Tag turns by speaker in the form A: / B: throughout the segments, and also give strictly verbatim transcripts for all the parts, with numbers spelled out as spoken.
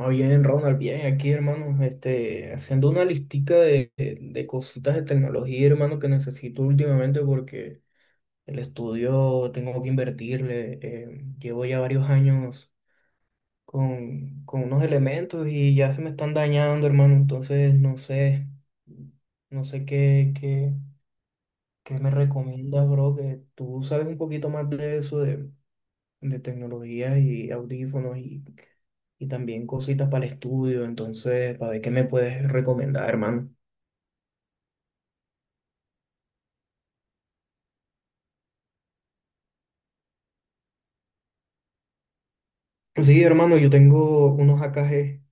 A: Ah, bien, Ronald, bien, aquí, hermano, este, haciendo una listica de, de- de cositas de tecnología, hermano, que necesito últimamente porque el estudio tengo que invertirle. Eh, llevo ya varios años con, con unos elementos y ya se me están dañando, hermano, entonces no sé, no sé qué, qué, qué me recomiendas, bro, que tú sabes un poquito más de eso, de tecnología y audífonos y, y también cositas para el estudio. Entonces, para ver qué me puedes recomendar, hermano. Sí, hermano, yo tengo unos A K G.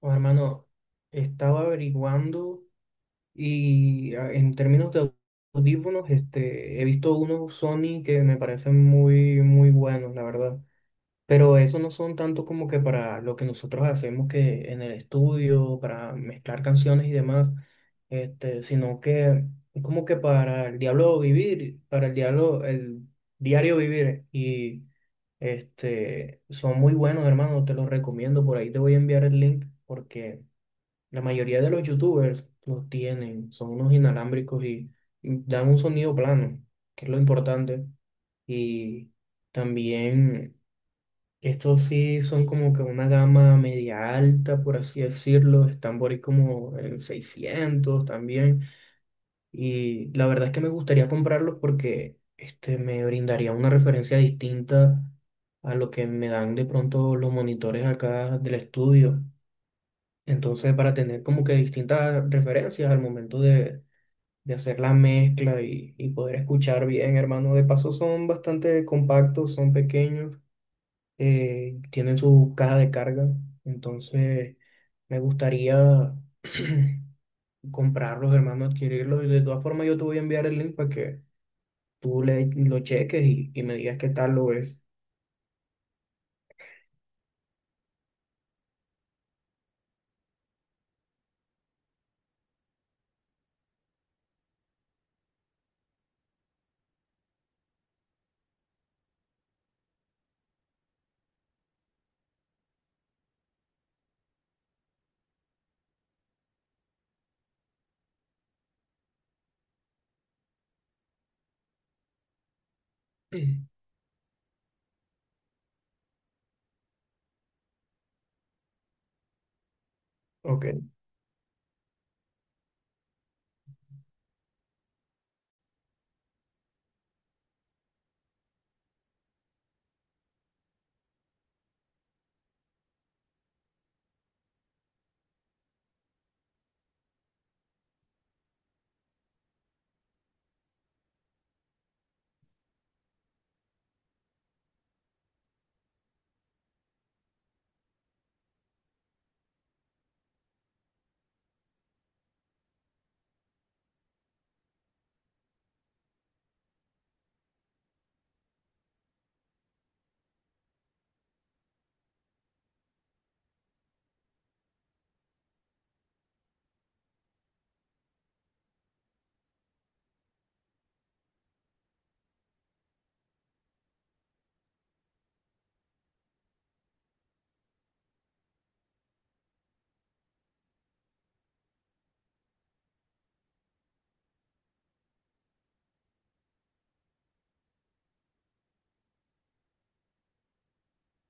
A: Oh, hermano, estaba averiguando y ah, en términos de audífonos, este, he visto unos Sony que me parecen muy, muy buenos, la verdad. Pero eso no son tanto como que para lo que nosotros hacemos que en el estudio, para mezclar canciones y demás, este, sino que es como que para el diablo vivir, para el diablo, el diario vivir. Y este, son muy buenos, hermano, te los recomiendo. Por ahí te voy a enviar el link porque la mayoría de los youtubers los tienen, son unos inalámbricos y dan un sonido plano, que es lo importante. Y también. Estos sí son como que una gama media alta, por así decirlo. Están por ahí como en seiscientos también. Y la verdad es que me gustaría comprarlos porque este, me brindaría una referencia distinta a lo que me dan de pronto los monitores acá del estudio. Entonces, para tener como que distintas referencias al momento de, de hacer la mezcla y, y poder escuchar bien, hermano. De paso, son bastante compactos, son pequeños eh, tienen su caja de carga, entonces me gustaría comprarlos, hermano, adquirirlos. Y de todas formas, yo te voy a enviar el link para que tú le, lo cheques y, y me digas qué tal lo es. Mm. Ok.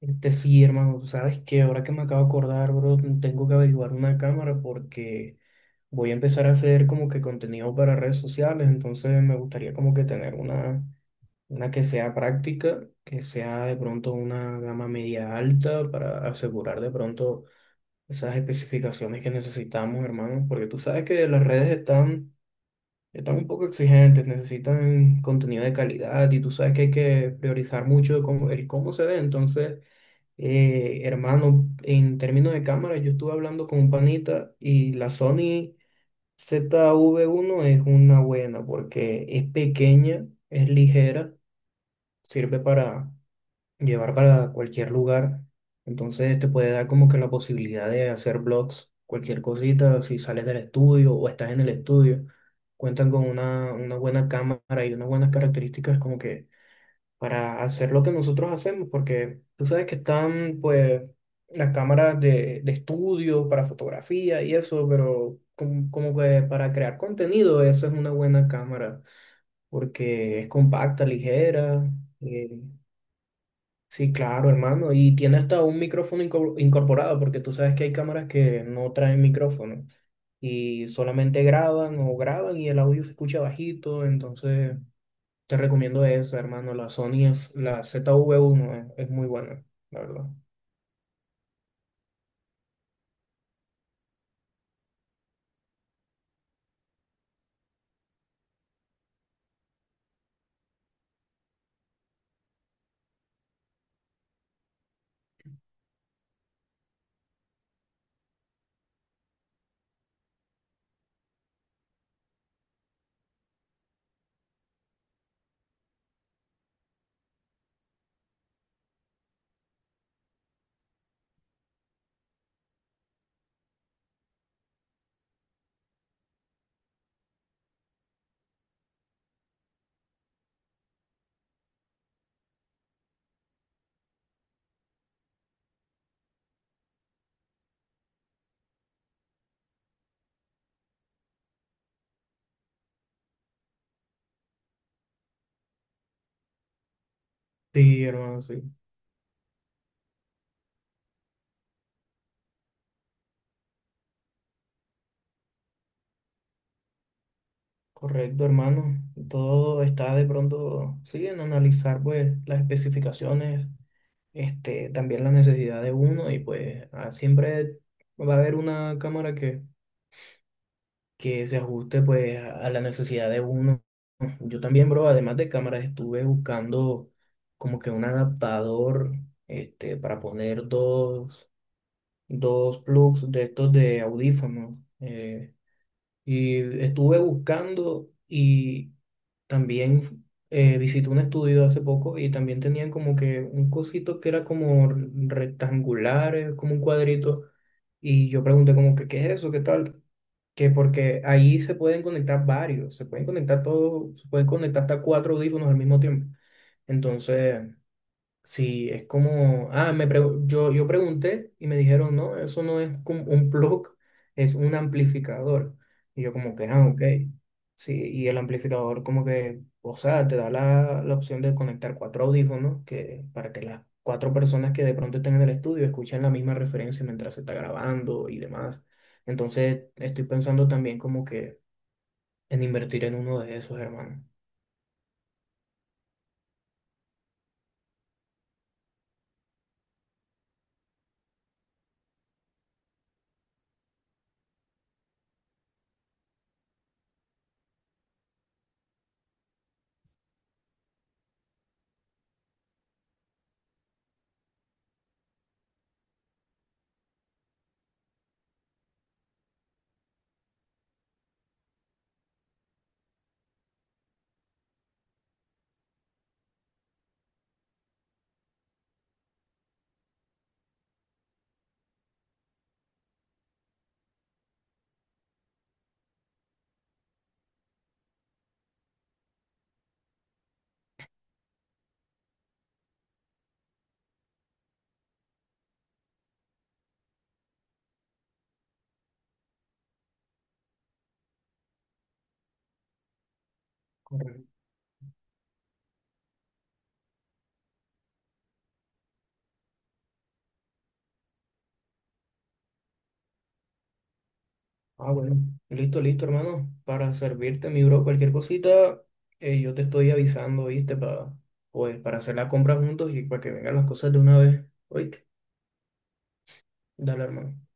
A: Este sí, hermano, tú sabes que ahora que me acabo de acordar, bro, tengo que averiguar una cámara porque voy a empezar a hacer como que contenido para redes sociales, entonces me gustaría como que tener una. Una que sea práctica, que sea de pronto una gama media alta para asegurar de pronto esas especificaciones que necesitamos, hermano, porque tú sabes que las redes están, están un poco exigentes, necesitan contenido de calidad y tú sabes que hay que priorizar mucho cómo- el cómo se ve. Entonces, eh, hermano, en términos de cámara, yo estuve hablando con un panita y la Sony Z V uno es una buena porque es pequeña, es ligera, sirve para llevar para cualquier lugar. Entonces te puede dar como que la posibilidad de hacer blogs, cualquier cosita, si sales del estudio o estás en el estudio, cuentan con una, una buena cámara y unas buenas características como que para hacer lo que nosotros hacemos, porque tú sabes que están pues las cámaras de, de estudio para fotografía y eso, pero como, como que para crear contenido, esa es una buena cámara, porque es compacta, ligera. eh, Sí, claro, hermano. Y tiene hasta un micrófono inco- incorporado, porque tú sabes que hay cámaras que no traen micrófono y solamente graban o graban y el audio se escucha bajito. Entonces, te recomiendo eso, hermano. La Sony es, la zv uno es, es muy buena, la verdad. Sí, hermano, sí. Correcto, hermano. Todo está de pronto, sí, en analizar pues las especificaciones, este, también la necesidad de uno y pues ah, siempre va a haber una cámara que que se ajuste pues a a la necesidad de uno. Yo también, bro, además de cámaras, estuve buscando como que un adaptador este, para poner dos, dos plugs de estos de audífonos. Eh, y estuve buscando y también eh, visité un estudio hace poco y también tenían como que un cosito que era como rectangular, eh, como un cuadrito. Y yo pregunté como que, ¿qué es eso? ¿Qué tal? Que porque ahí se pueden conectar varios, se pueden conectar todos, se pueden conectar hasta cuatro audífonos al mismo tiempo. Entonces... Sí, es como, ah, me pregu- yo, yo pregunté y me dijeron, no, eso no es como un plug, es un amplificador. Y yo como que, ah, ok. Sí, y el amplificador como que, o sea, te da la, la opción de conectar cuatro audífonos que, para que las cuatro personas que de pronto estén en el estudio escuchen la misma referencia mientras se está grabando y demás. Entonces, estoy pensando también como que en invertir en uno de esos, hermano. Ah, bueno. Listo, listo, hermano. Para servirte, mi bro, cualquier cosita, eh, yo te estoy avisando, ¿viste? Para, pues, para hacer la compra juntos y para que vengan las cosas de una vez. Oíste, dale, hermano.